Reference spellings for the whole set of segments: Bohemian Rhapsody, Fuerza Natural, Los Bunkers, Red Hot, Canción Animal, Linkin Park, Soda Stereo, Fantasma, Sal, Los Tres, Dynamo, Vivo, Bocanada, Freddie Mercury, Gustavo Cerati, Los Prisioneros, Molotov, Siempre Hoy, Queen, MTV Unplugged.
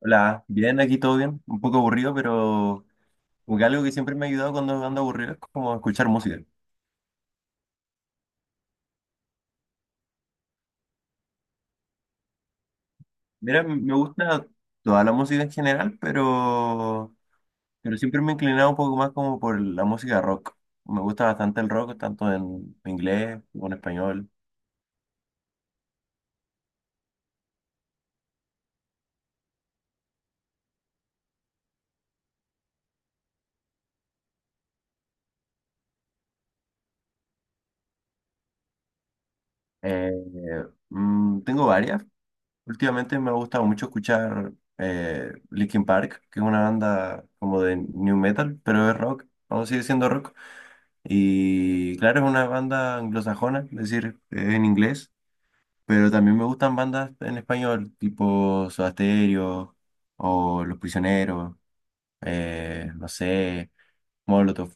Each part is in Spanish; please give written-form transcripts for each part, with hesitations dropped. Hola, bien, aquí todo bien, un poco aburrido, pero como que algo que siempre me ha ayudado cuando ando aburrido es como escuchar música. Mira, me gusta toda la música en general, pero siempre me he inclinado un poco más como por la música rock. Me gusta bastante el rock, tanto en inglés como en español. Eh, Tengo varias. Últimamente me ha gustado mucho escuchar Linkin Park, que es una banda como de new metal, pero es rock, aún sigue siendo rock. Y claro, es una banda anglosajona, es decir, en inglés, pero también me gustan bandas en español, tipo Soda Stereo o Los Prisioneros, no sé, Molotov.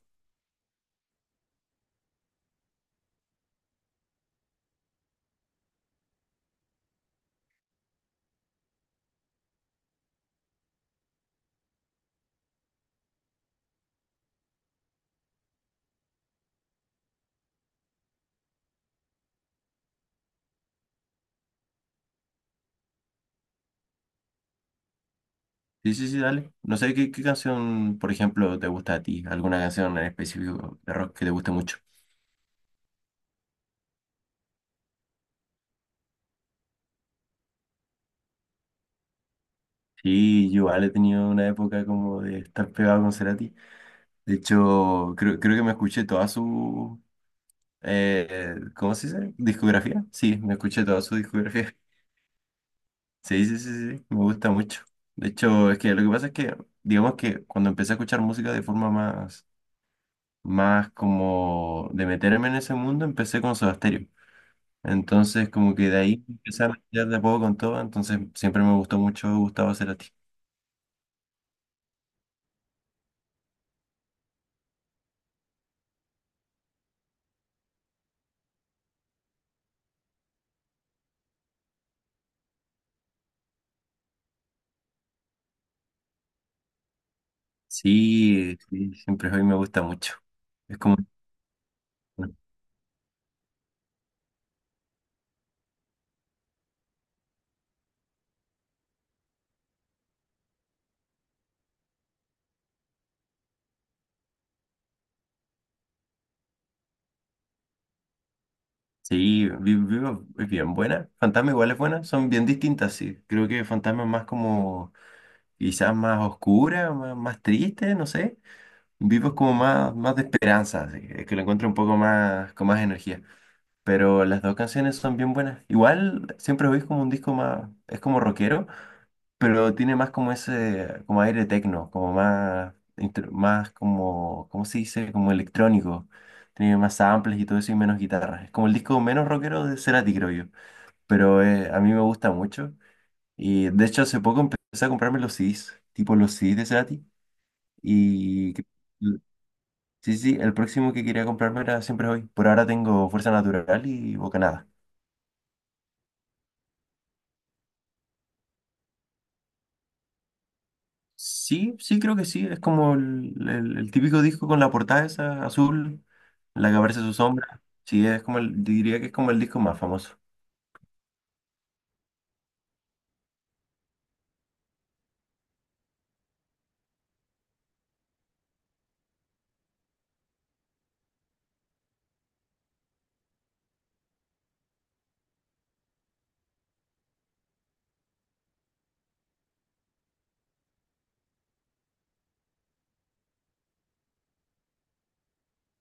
Sí, sí, sí, dale. No sé qué canción, por ejemplo, te gusta a ti, alguna canción en específico de rock que te guste mucho. Sí, yo igual he tenido una época como de estar pegado con Cerati. De hecho, creo que me escuché toda su, ¿cómo se dice? Discografía. Sí, me escuché toda su discografía. Sí, sí, sí, sí, me gusta mucho. De hecho, es que lo que pasa es que, digamos que cuando empecé a escuchar música de forma más como de meterme en ese mundo, empecé con Soda Stereo. Entonces, como que de ahí empecé a mezclar de a poco con todo, entonces siempre me gustó mucho Gustavo Cerati. Sí, sí, siempre hoy me gusta mucho. Es como, sí, Vivo es bien buena, Fantasma igual es buena, son bien distintas, sí. Creo que Fantasma es más como, quizás más oscura, más, más triste, no sé. Vivo es como más, más de esperanza, así que lo encuentro un poco más, con más energía. Pero las dos canciones son bien buenas. Igual siempre oís como un disco más, es como rockero, pero tiene más como ese, como aire tecno, como más, más como, ¿cómo se dice? Como electrónico. Tiene más samples y todo eso y menos guitarras. Es como el disco menos rockero de Cerati, creo yo. Pero a mí me gusta mucho. Y de hecho hace poco empecé a comprarme los CDs, tipo los CDs de Cerati. Y sí, sí, el próximo que quería comprarme era Siempre Hoy. Por ahora tengo Fuerza Natural y Bocanada. Sí, sí, creo que sí. Es como el típico disco con la portada esa azul, en la que aparece su sombra. Sí, es como el, diría que es como el disco más famoso.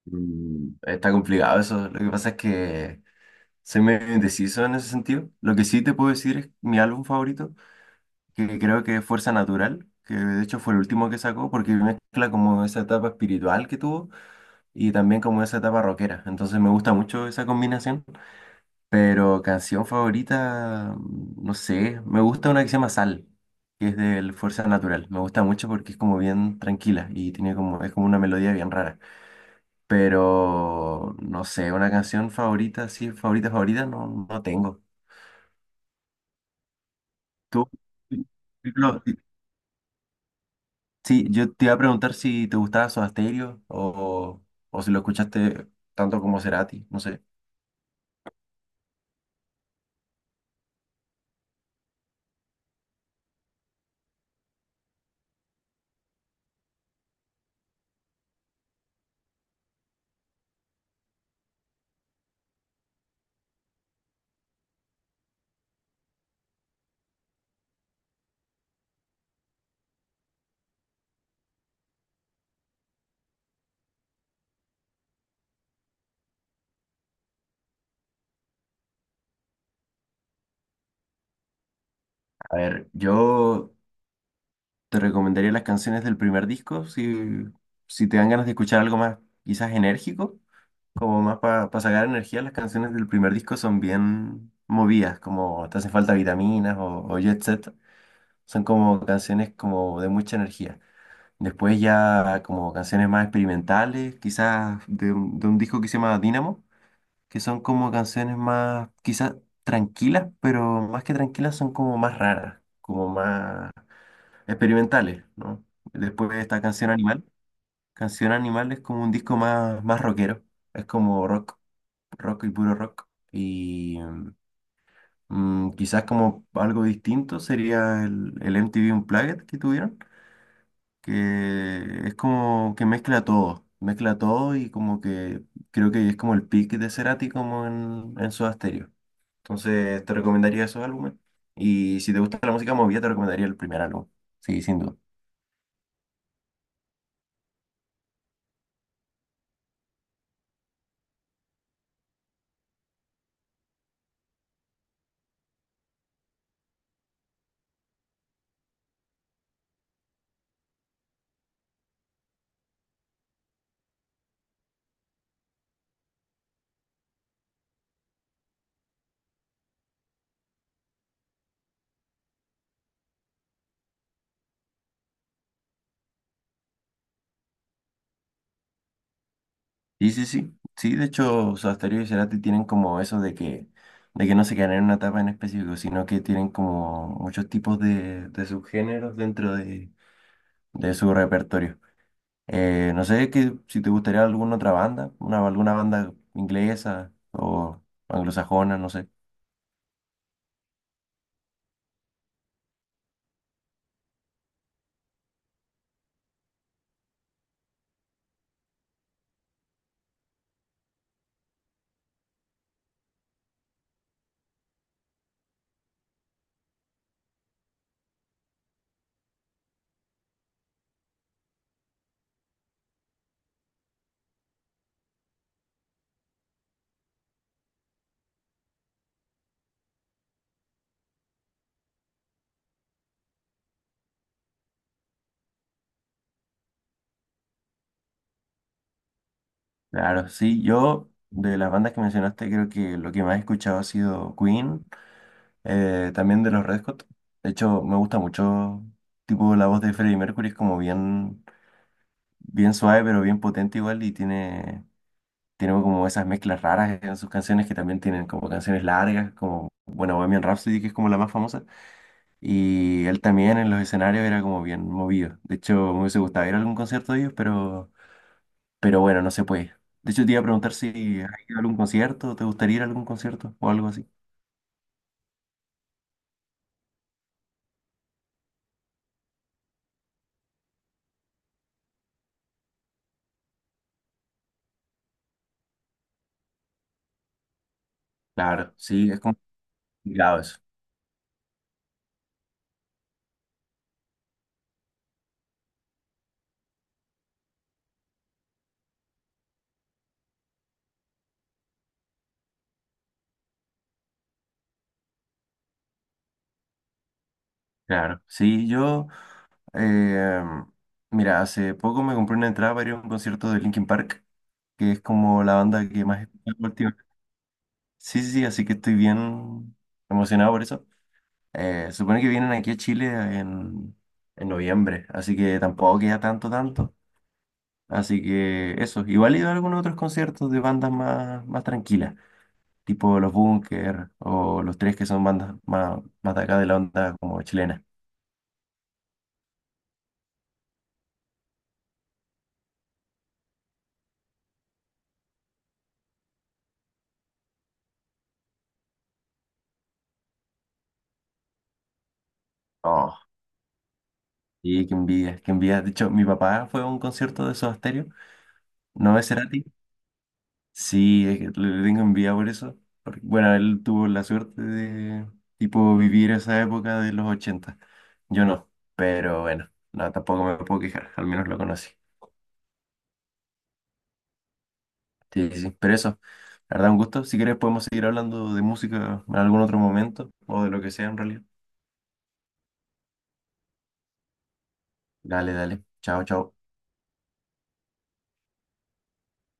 Mm, está complicado eso. Lo que pasa es que soy medio indeciso en ese sentido. Lo que sí te puedo decir es mi álbum favorito, que creo que es Fuerza Natural, que de hecho fue el último que sacó porque mezcla como esa etapa espiritual que tuvo y también como esa etapa rockera. Entonces me gusta mucho esa combinación. Pero canción favorita, mm, no sé, me gusta una que se llama Sal, que es del Fuerza Natural. Me gusta mucho porque es como bien tranquila y tiene como, es como una melodía bien rara. Pero no sé, una canción favorita, sí, favorita, favorita, no, no tengo. ¿Tú? Lo- Sí, yo te iba a preguntar si te gustaba Soda Stereo o si lo escuchaste tanto como Cerati, no sé. A ver, yo te recomendaría las canciones del primer disco si te dan ganas de escuchar algo más, quizás enérgico, como más para sacar energía. Las canciones del primer disco son bien movidas, como te hacen falta vitaminas o jet set. Son como canciones como de mucha energía. Después ya como canciones más experimentales, quizás de un disco que se llama Dynamo, que son como canciones más quizás tranquilas, pero más que tranquilas son como más raras, como más experimentales, ¿no? Después de esta canción Animal, canción Animal es como un disco más, más rockero, es como rock, y puro rock. Y mm, quizás como algo distinto sería el MTV Unplugged que tuvieron, que es como que mezcla todo y como que creo que es como el peak de Cerati como en Soda Stereo. Entonces te recomendaría esos álbumes. Y si te gusta la música movida, te recomendaría el primer álbum. Sí, sin duda. Sí, sí, sí. Sí, de hecho, Sobasterio y Cerati tienen como eso de de que no se quedan en una etapa en específico, sino que tienen como muchos tipos de subgéneros dentro de su repertorio. No sé que, si te gustaría alguna otra banda, alguna banda inglesa o anglosajona, no sé. Claro, sí, yo de las bandas que mencionaste creo que lo que más he escuchado ha sido Queen, también de los Red Hot. De hecho, me gusta mucho, tipo, la voz de Freddie Mercury es como bien bien suave, pero bien potente igual, y tiene como esas mezclas raras en sus canciones que también tienen como canciones largas, como, bueno, Bohemian Rhapsody, que es como la más famosa, y él también en los escenarios era como bien movido. De hecho, me hubiese gustado ir a algún concierto de ellos, pero bueno, no se puede. De hecho, te iba a preguntar si has ido a algún concierto, ¿te gustaría ir a algún concierto o algo así? Claro, sí, es complicado eso. Claro, sí, eh, mira, hace poco me compré una entrada para ir a un concierto de Linkin Park que es como la banda que más he escuchado últimamente. Sí, sí, sí, así que estoy bien emocionado por eso. Se supone que vienen aquí a Chile en, en noviembre, así que tampoco queda tanto, tanto. Así que eso, igual he ido a algunos otros conciertos de bandas más, más tranquilas, tipo Los Bunkers o Los Tres, que son bandas más, más de acá de la onda como chilena. Oh, y qué envidia, qué envidia. De hecho, mi papá fue a un concierto de Soda Stereo, no de Cerati. Sí, es que le tengo envidia por eso, porque, bueno, él tuvo la suerte de, tipo, vivir esa época de los 80. Yo no, pero bueno, no, tampoco me puedo quejar, al menos lo conocí. Sí, sí, sí, pero eso, la verdad, un gusto. Si quieres, podemos seguir hablando de música en algún otro momento o de lo que sea en realidad. Dale, dale. Chao, chao.